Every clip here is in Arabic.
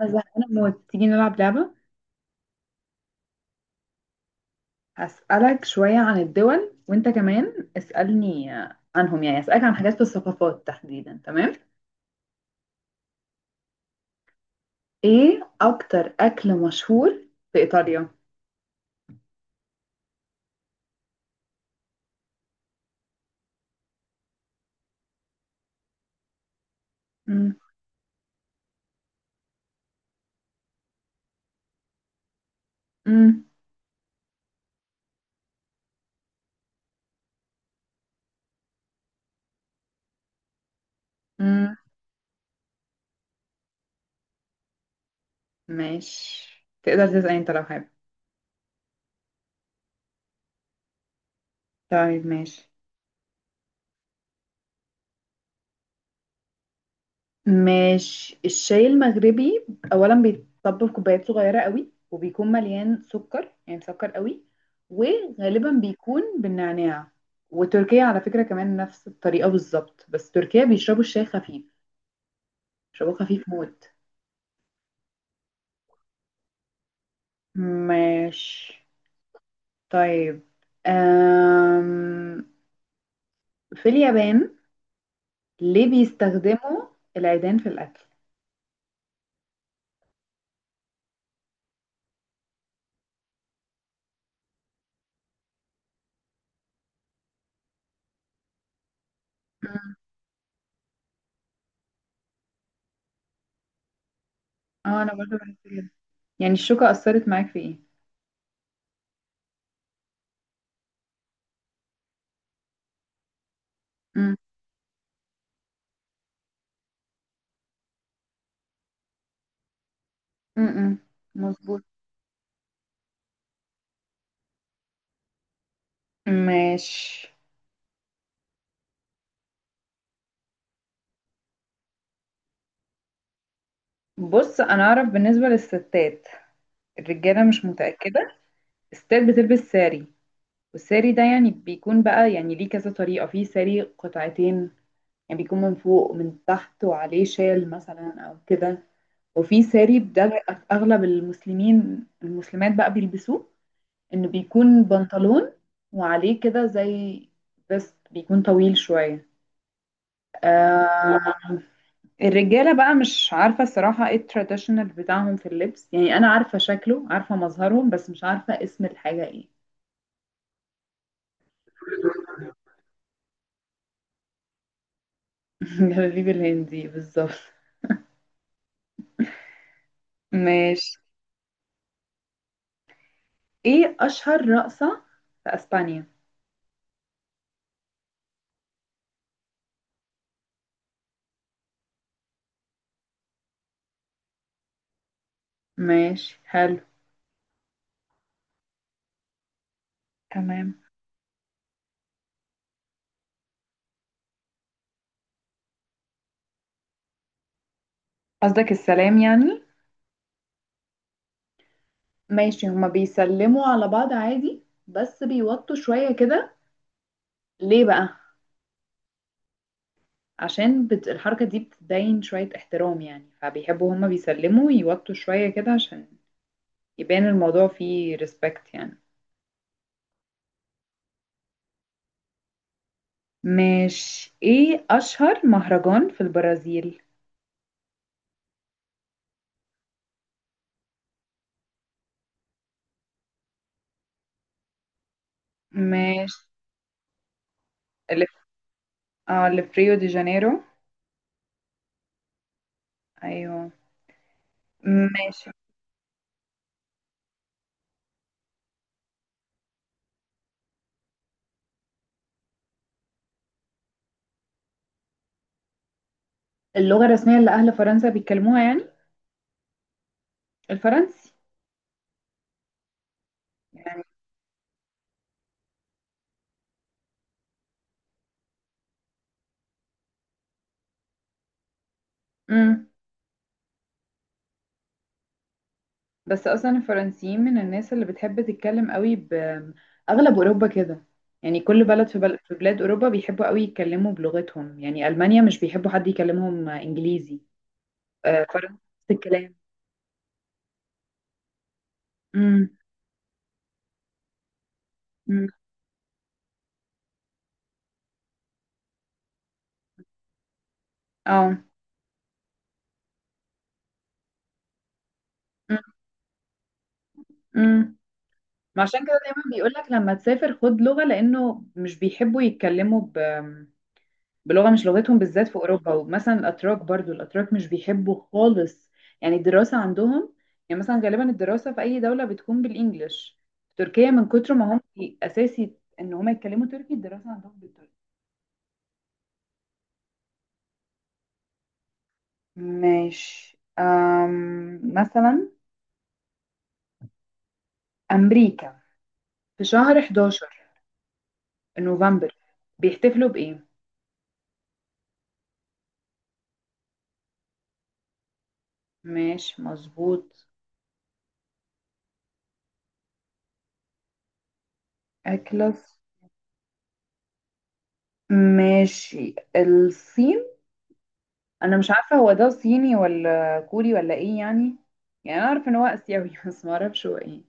أنا زهقانة موت. تيجي نلعب لعبة. أسألك شوية عن الدول وأنت كمان اسألني عنهم، يعني أسألك عن حاجات في الثقافات تحديدا. تمام. إيه أكتر أكل مشهور في إيطاليا؟ مم. مم. مم. ماشي. تقدر تسأل أنت لو حابب. طيب ماشي. ماشي، الشاي المغربي اولا بيتطب في كوبايات صغيره قوي، وبيكون مليان سكر يعني مسكر قوي، وغالبا بيكون بالنعناع. وتركيا على فكره كمان نفس الطريقه بالظبط، بس تركيا بيشربوا الشاي خفيف، بيشربوه خفيف موت. ماشي. طيب. أم... في اليابان ليه بيستخدموا العيدان في الاكل؟ مم. اه انا برضه بحس كده، يعني الشوكه اثرت معاك في ايه؟ امم. امم. مظبوط. ماشي. بص، انا اعرف بالنسبه للستات، الرجاله مش متاكده. الستات بتلبس ساري. والساري ده يعني بيكون بقى، يعني ليه كذا طريقه في ساري قطعتين، يعني بيكون من فوق ومن تحت وعليه شال مثلا او كده. وفي ساري ده اغلب المسلمين المسلمات بقى بيلبسوه، انه بيكون بنطلون وعليه كده زي، بس بيكون طويل شويه. آه. الرجالة بقى مش عارفة الصراحة ايه التراديشنال بتاعهم في اللبس، يعني أنا عارفة شكله، عارفة مظهرهم، بس مش عارفة اسم الحاجة ايه. جلابيب الهندي بالظبط. ماشي. ايه أشهر رقصة في أسبانيا؟ ماشي حلو. تمام. قصدك السلام يعني؟ ماشي. هما بيسلموا على بعض عادي، بس بيوطوا شوية كده. ليه بقى؟ عشان الحركة دي بتبين شوية احترام يعني، فبيحبوا هما بيسلموا يوطوا شوية كده عشان يبان الموضوع فيه ريسبكت يعني. مش. ايه اشهر مهرجان في البرازيل؟ مش اللي في، اه اللي في ريو دي جانيرو. ايوه. ماشي. اللغة الرسمية اللي اهل فرنسا بيتكلموها يعني. الفرنسي. يعني. امم. بس اصلا الفرنسيين من الناس اللي بتحب تتكلم قوي باغلب اوروبا كده، يعني كل بلد في بلاد اوروبا بيحبوا قوي يتكلموا بلغتهم، يعني المانيا مش بيحبوا حد يكلمهم انجليزي. آه فرنسا نفس الكلام. امم. امم. اه. مم. مم. ما عشان كده دايما بيقول لك لما تسافر خد لغة، لأنه مش بيحبوا يتكلموا بلغة مش لغتهم، بالذات في أوروبا. ومثلا الأتراك برضو، الأتراك مش بيحبوا خالص. يعني الدراسة عندهم، يعني مثلا غالبا الدراسة في أي دولة بتكون بالإنجلش. في تركيا من كتر ما هم أساسي إن هم يتكلموا تركي، الدراسة عندهم بالتركي. ماشي. مثلا أمريكا في شهر 11 نوفمبر بيحتفلوا بإيه؟ ماشي مظبوط. أكلس. ماشي الصين. انا مش عارفه هو ده صيني ولا كوري ولا ايه يعني، يعني انا اعرف ان هو اسيوي بس ما اعرفش هو ايه.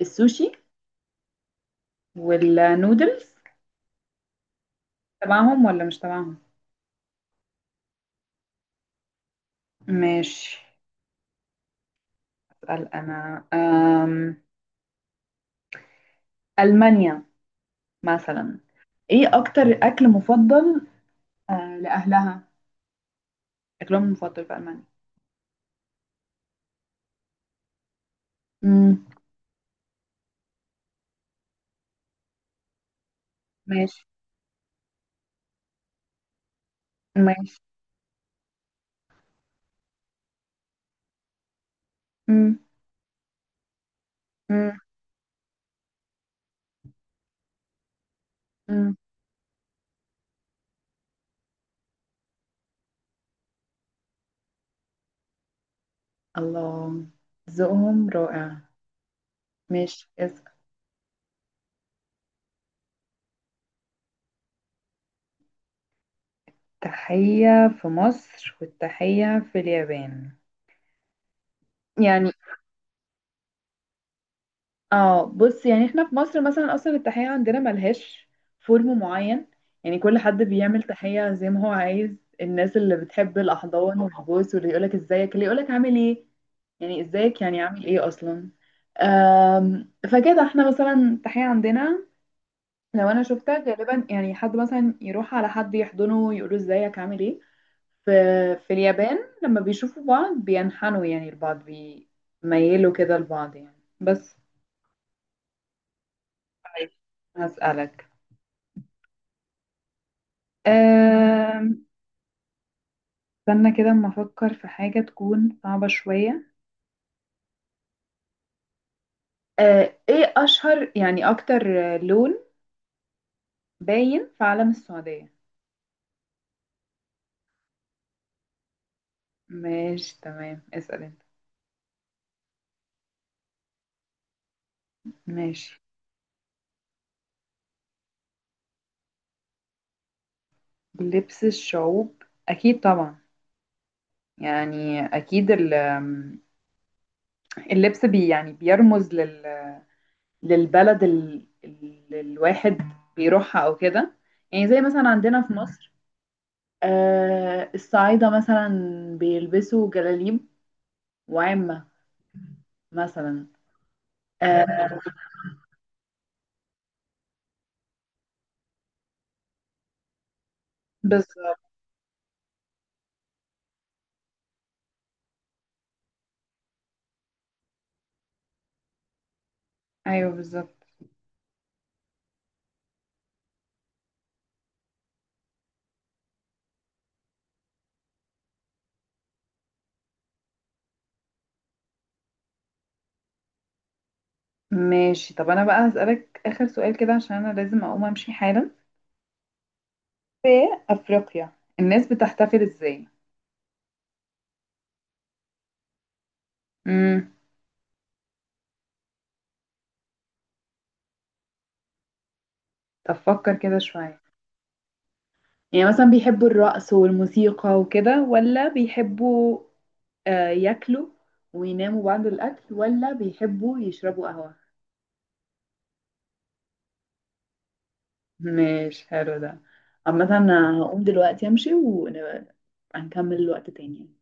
السوشي. والنودلز تبعهم ولا مش تبعهم؟ ماشي. اسال انا. المانيا مثلا. ايه اكتر اكل مفضل، لاهلها، اكلهم المفضل في المانيا؟ امم. ماشي. ماشي. امم. امم. الله، ذوقهم رائع. ماشي. التحية في مصر والتحية في اليابان؟ يعني. اه بص، يعني احنا في مصر مثلا اصلا التحية عندنا ملهاش فورم معين، يعني كل حد بيعمل تحية زي ما هو عايز. الناس اللي بتحب الاحضان والبوس، واللي يقولك ازيك، اللي يقولك عامل ايه، يعني ازيك يعني عامل ايه اصلا. فكده احنا مثلا التحية عندنا، لو انا شفتها غالبا يعني حد مثلا يروح على حد يحضنه ويقوله ازيك عامل ايه. في في اليابان لما بيشوفوا بعض بينحنوا، يعني لبعض بيميلوا كده لبعض يعني بس. طيب. هسألك. أم، استنى كده اما افكر في حاجة تكون صعبة شوية. ايه اشهر يعني اكتر، لون باين في علم السعودية؟ ماشي تمام. اسأل انت. ماشي. لبس الشعوب؟ اكيد طبعا. يعني اكيد اللبس يعني بيرمز للبلد، اللي الواحد بيروحها او كده. يعني زي مثلا عندنا في مصر. آه الصعايدة مثلا بيلبسوا جلاليب وعمة مثلا. آه. بالظبط. ايوه بالظبط. ماشي. طب انا بقى هسألك اخر سؤال كده عشان انا لازم اقوم امشي حالا. في افريقيا الناس بتحتفل ازاي؟ امم. طب فكر كده شوية. يعني مثلا بيحبوا الرقص والموسيقى وكده، ولا بيحبوا، ياكلوا ويناموا بعد الأكل، ولا بيحبوا يشربوا قهوة؟ مش حلو ده. عامة أنا هقوم دلوقتي أمشي، ونبقى نكمل وقت تاني.